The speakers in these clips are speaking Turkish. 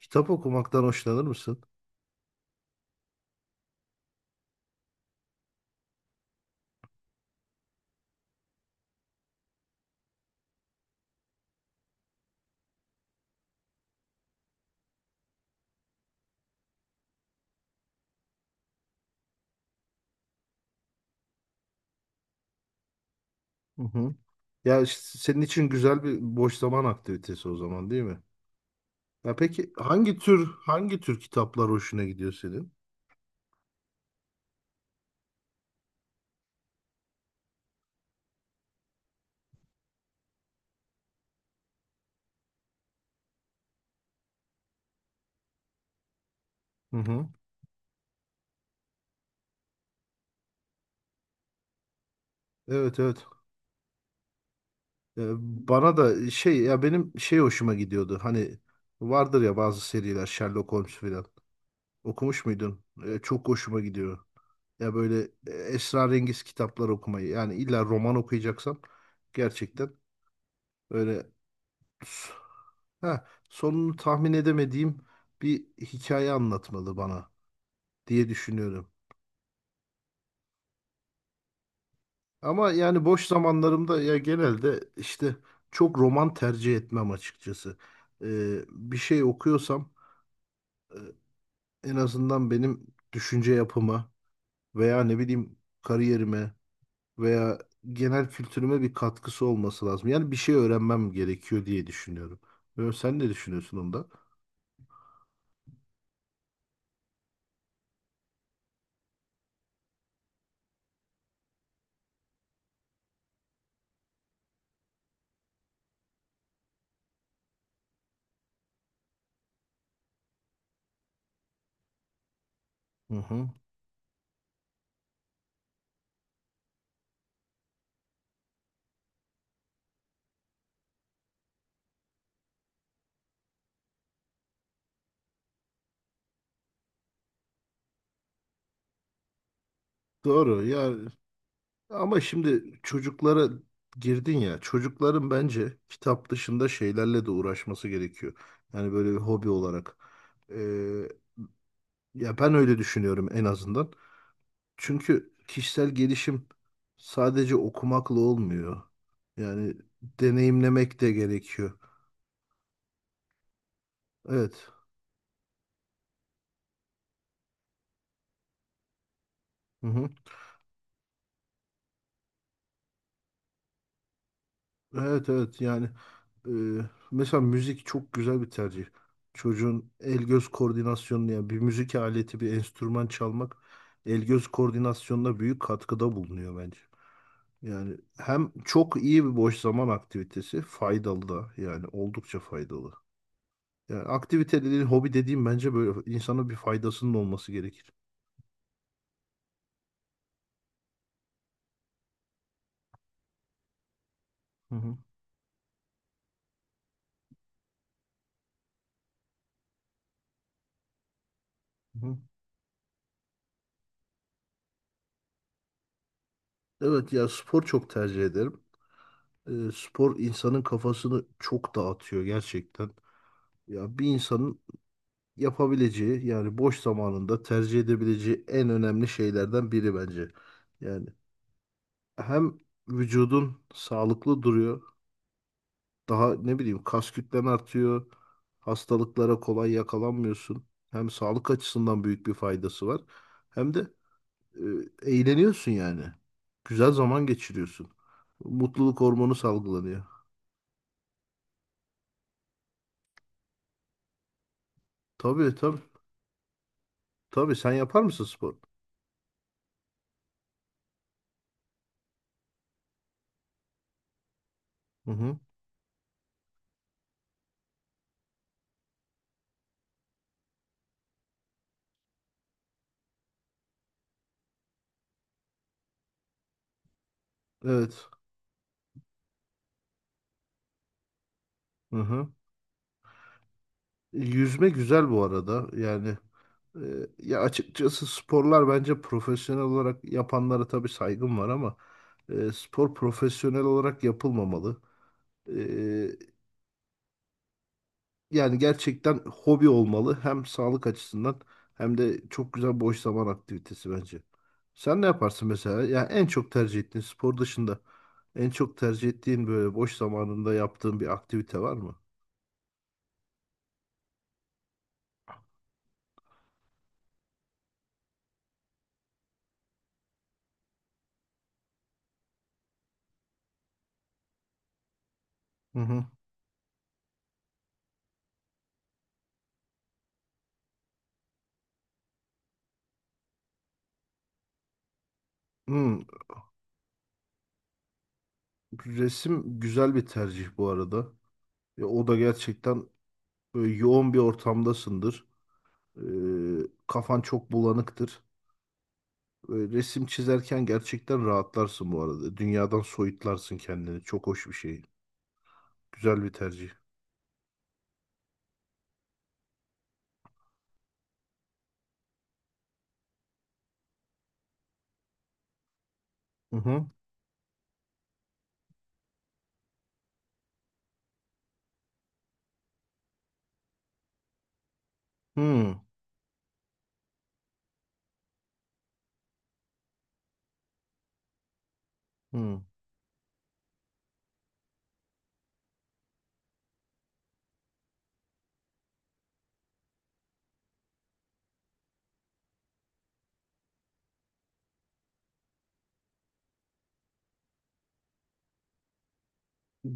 Kitap okumaktan hoşlanır mısın? Hı hı. Ya işte senin için güzel bir boş zaman aktivitesi o zaman değil mi? Ya peki hangi tür hangi tür kitaplar hoşuna gidiyor senin? Hı hı. Evet evet. Ee, Bana da şey ya benim şey hoşuma gidiyordu. Hani vardır ya bazı seriler Sherlock Holmes filan. Okumuş muydun? Çok hoşuma gidiyor. Ya böyle esrarengiz kitaplar okumayı. Yani illa roman okuyacaksam gerçekten öyle. Ha, sonunu tahmin edemediğim bir hikaye anlatmalı bana diye düşünüyorum. Ama yani boş zamanlarımda ya genelde işte çok roman tercih etmem açıkçası. Bir şey okuyorsam e, en azından benim düşünce yapıma veya ne bileyim kariyerime veya genel kültürüme bir katkısı olması lazım. Yani bir şey öğrenmem gerekiyor diye düşünüyorum. Sen ne düşünüyorsun onda? Hı hı. Doğru ya, ama şimdi çocuklara girdin ya, çocukların bence kitap dışında şeylerle de uğraşması gerekiyor. Yani böyle bir hobi olarak. Ee, Ya ben öyle düşünüyorum en azından. Çünkü kişisel gelişim sadece okumakla olmuyor. Yani deneyimlemek de gerekiyor. Evet. Hı hı. Evet evet, yani e, mesela müzik çok güzel bir tercih. Çocuğun el göz koordinasyonunu, yani bir müzik aleti, bir enstrüman çalmak el göz koordinasyonuna büyük katkıda bulunuyor bence. Yani hem çok iyi bir boş zaman aktivitesi, faydalı da, yani oldukça faydalı. Yani aktivite dediğin, hobi dediğim bence böyle insana bir faydasının olması gerekir. Hı hı, hı hı. Evet, ya spor çok tercih ederim. Spor insanın kafasını çok dağıtıyor gerçekten. Ya bir insanın yapabileceği, yani boş zamanında tercih edebileceği en önemli şeylerden biri bence. Yani hem vücudun sağlıklı duruyor. Daha ne bileyim, kas kütlen artıyor. Hastalıklara kolay yakalanmıyorsun. Hem sağlık açısından büyük bir faydası var. Hem de e, eğleniyorsun yani. Güzel zaman geçiriyorsun. Mutluluk hormonu salgılanıyor. Tabii tabii. Tabii, sen yapar mısın spor? Hı hı. Evet. Hı hı. Yüzme güzel bu arada. Yani e, ya açıkçası sporlar, bence profesyonel olarak yapanlara tabii saygım var ama spor profesyonel olarak yapılmamalı. E, yani gerçekten hobi olmalı. Hem sağlık açısından hem de çok güzel boş zaman aktivitesi bence. Sen ne yaparsın mesela? Ya en çok tercih ettiğin, spor dışında en çok tercih ettiğin böyle boş zamanında yaptığın bir aktivite var mı? Hı hı. Hmm, resim güzel bir tercih bu arada. Ya o da gerçekten böyle yoğun bir ortamdasındır. Ee, Kafan çok bulanıktır. Böyle resim çizerken gerçekten rahatlarsın bu arada. Dünyadan soyutlarsın kendini. Çok hoş bir şey. Güzel bir tercih. Hı hı. Hı hı.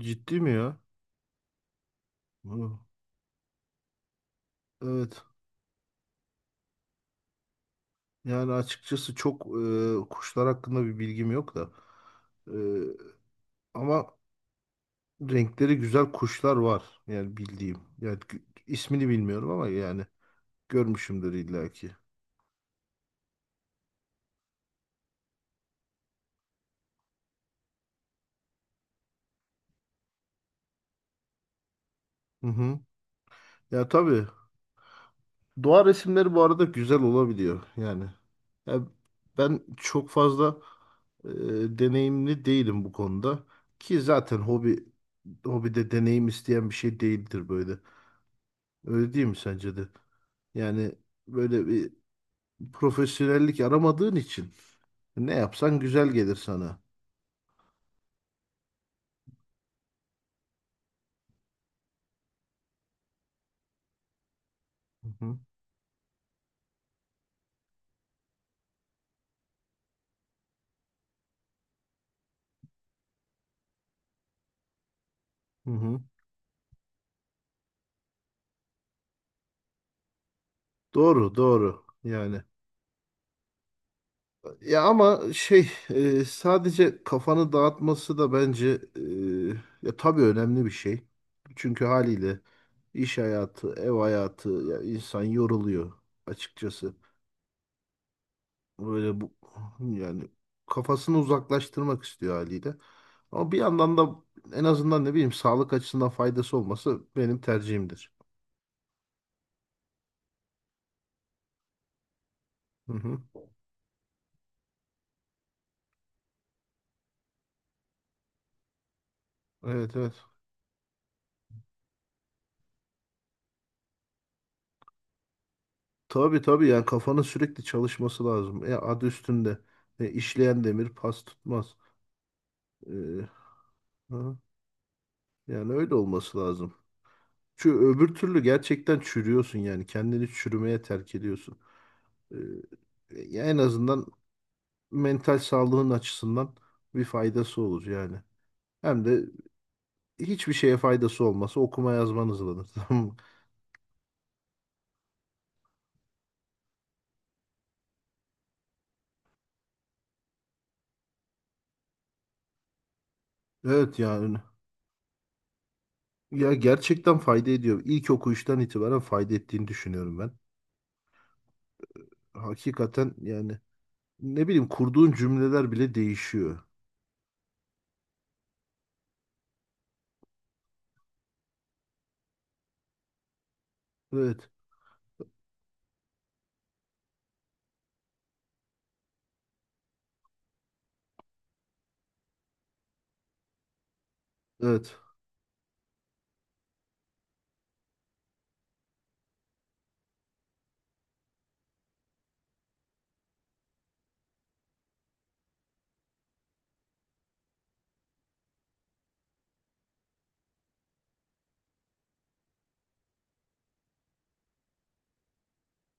Ciddi mi ya? Hı. Evet. Yani açıkçası çok kuşlar hakkında bir bilgim yok da. E, ama renkleri güzel kuşlar var. Yani bildiğim. Yani ismini bilmiyorum ama yani görmüşümdür illaki. Hı hı. Ya tabii. Doğa resimleri bu arada güzel olabiliyor yani. Ya ben çok fazla e, deneyimli değilim bu konuda. Ki zaten hobi, hobide deneyim isteyen bir şey değildir böyle. Öyle değil mi sence de? Yani böyle bir profesyonellik aramadığın için ne yapsan güzel gelir sana. Hı hı. Hı hı. Doğru, doğru. Yani, ya ama şey, sadece kafanı dağıtması da bence ya tabii önemli bir şey. Çünkü haliyle iş hayatı, ev hayatı, ya insan yoruluyor açıkçası. Böyle bu, yani kafasını uzaklaştırmak istiyor haliyle. Ama bir yandan da en azından ne bileyim sağlık açısından faydası olması benim tercihimdir. Hı hı. Evet evet. Tabii tabii, yani kafanın sürekli çalışması lazım. E, adı üstünde. E, işleyen demir pas tutmaz. Ee, ha, yani öyle olması lazım. Çünkü öbür türlü gerçekten çürüyorsun, yani kendini çürümeye terk ediyorsun. Ee, ya en azından mental sağlığın açısından bir faydası olur yani. Hem de hiçbir şeye faydası olmasa okuma yazman hızlanır. Tamam mı? Evet yani, ya gerçekten fayda ediyor. İlk okuyuştan itibaren fayda ettiğini düşünüyorum ben. Hakikaten yani, ne bileyim, kurduğun cümleler bile değişiyor. Evet. Evet.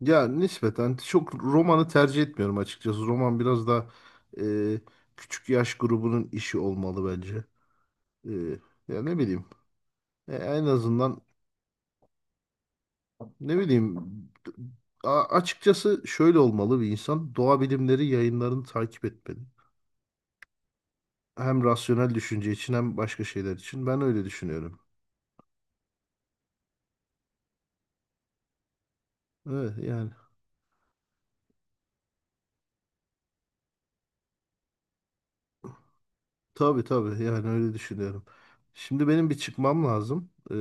Ya nispeten çok romanı tercih etmiyorum açıkçası. Roman biraz daha e, küçük yaş grubunun işi olmalı bence. E, ya ne bileyim. E, en azından ne bileyim. Açıkçası şöyle olmalı bir insan. Doğa bilimleri yayınlarını takip etmeli. Hem rasyonel düşünce için hem başka şeyler için. Ben öyle düşünüyorum. Evet yani. Tabii tabii, yani öyle düşünüyorum. Şimdi benim bir çıkmam lazım. E,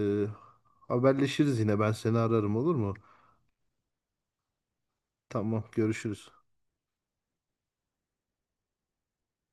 haberleşiriz yine. Ben seni ararım, olur mu? Tamam, görüşürüz.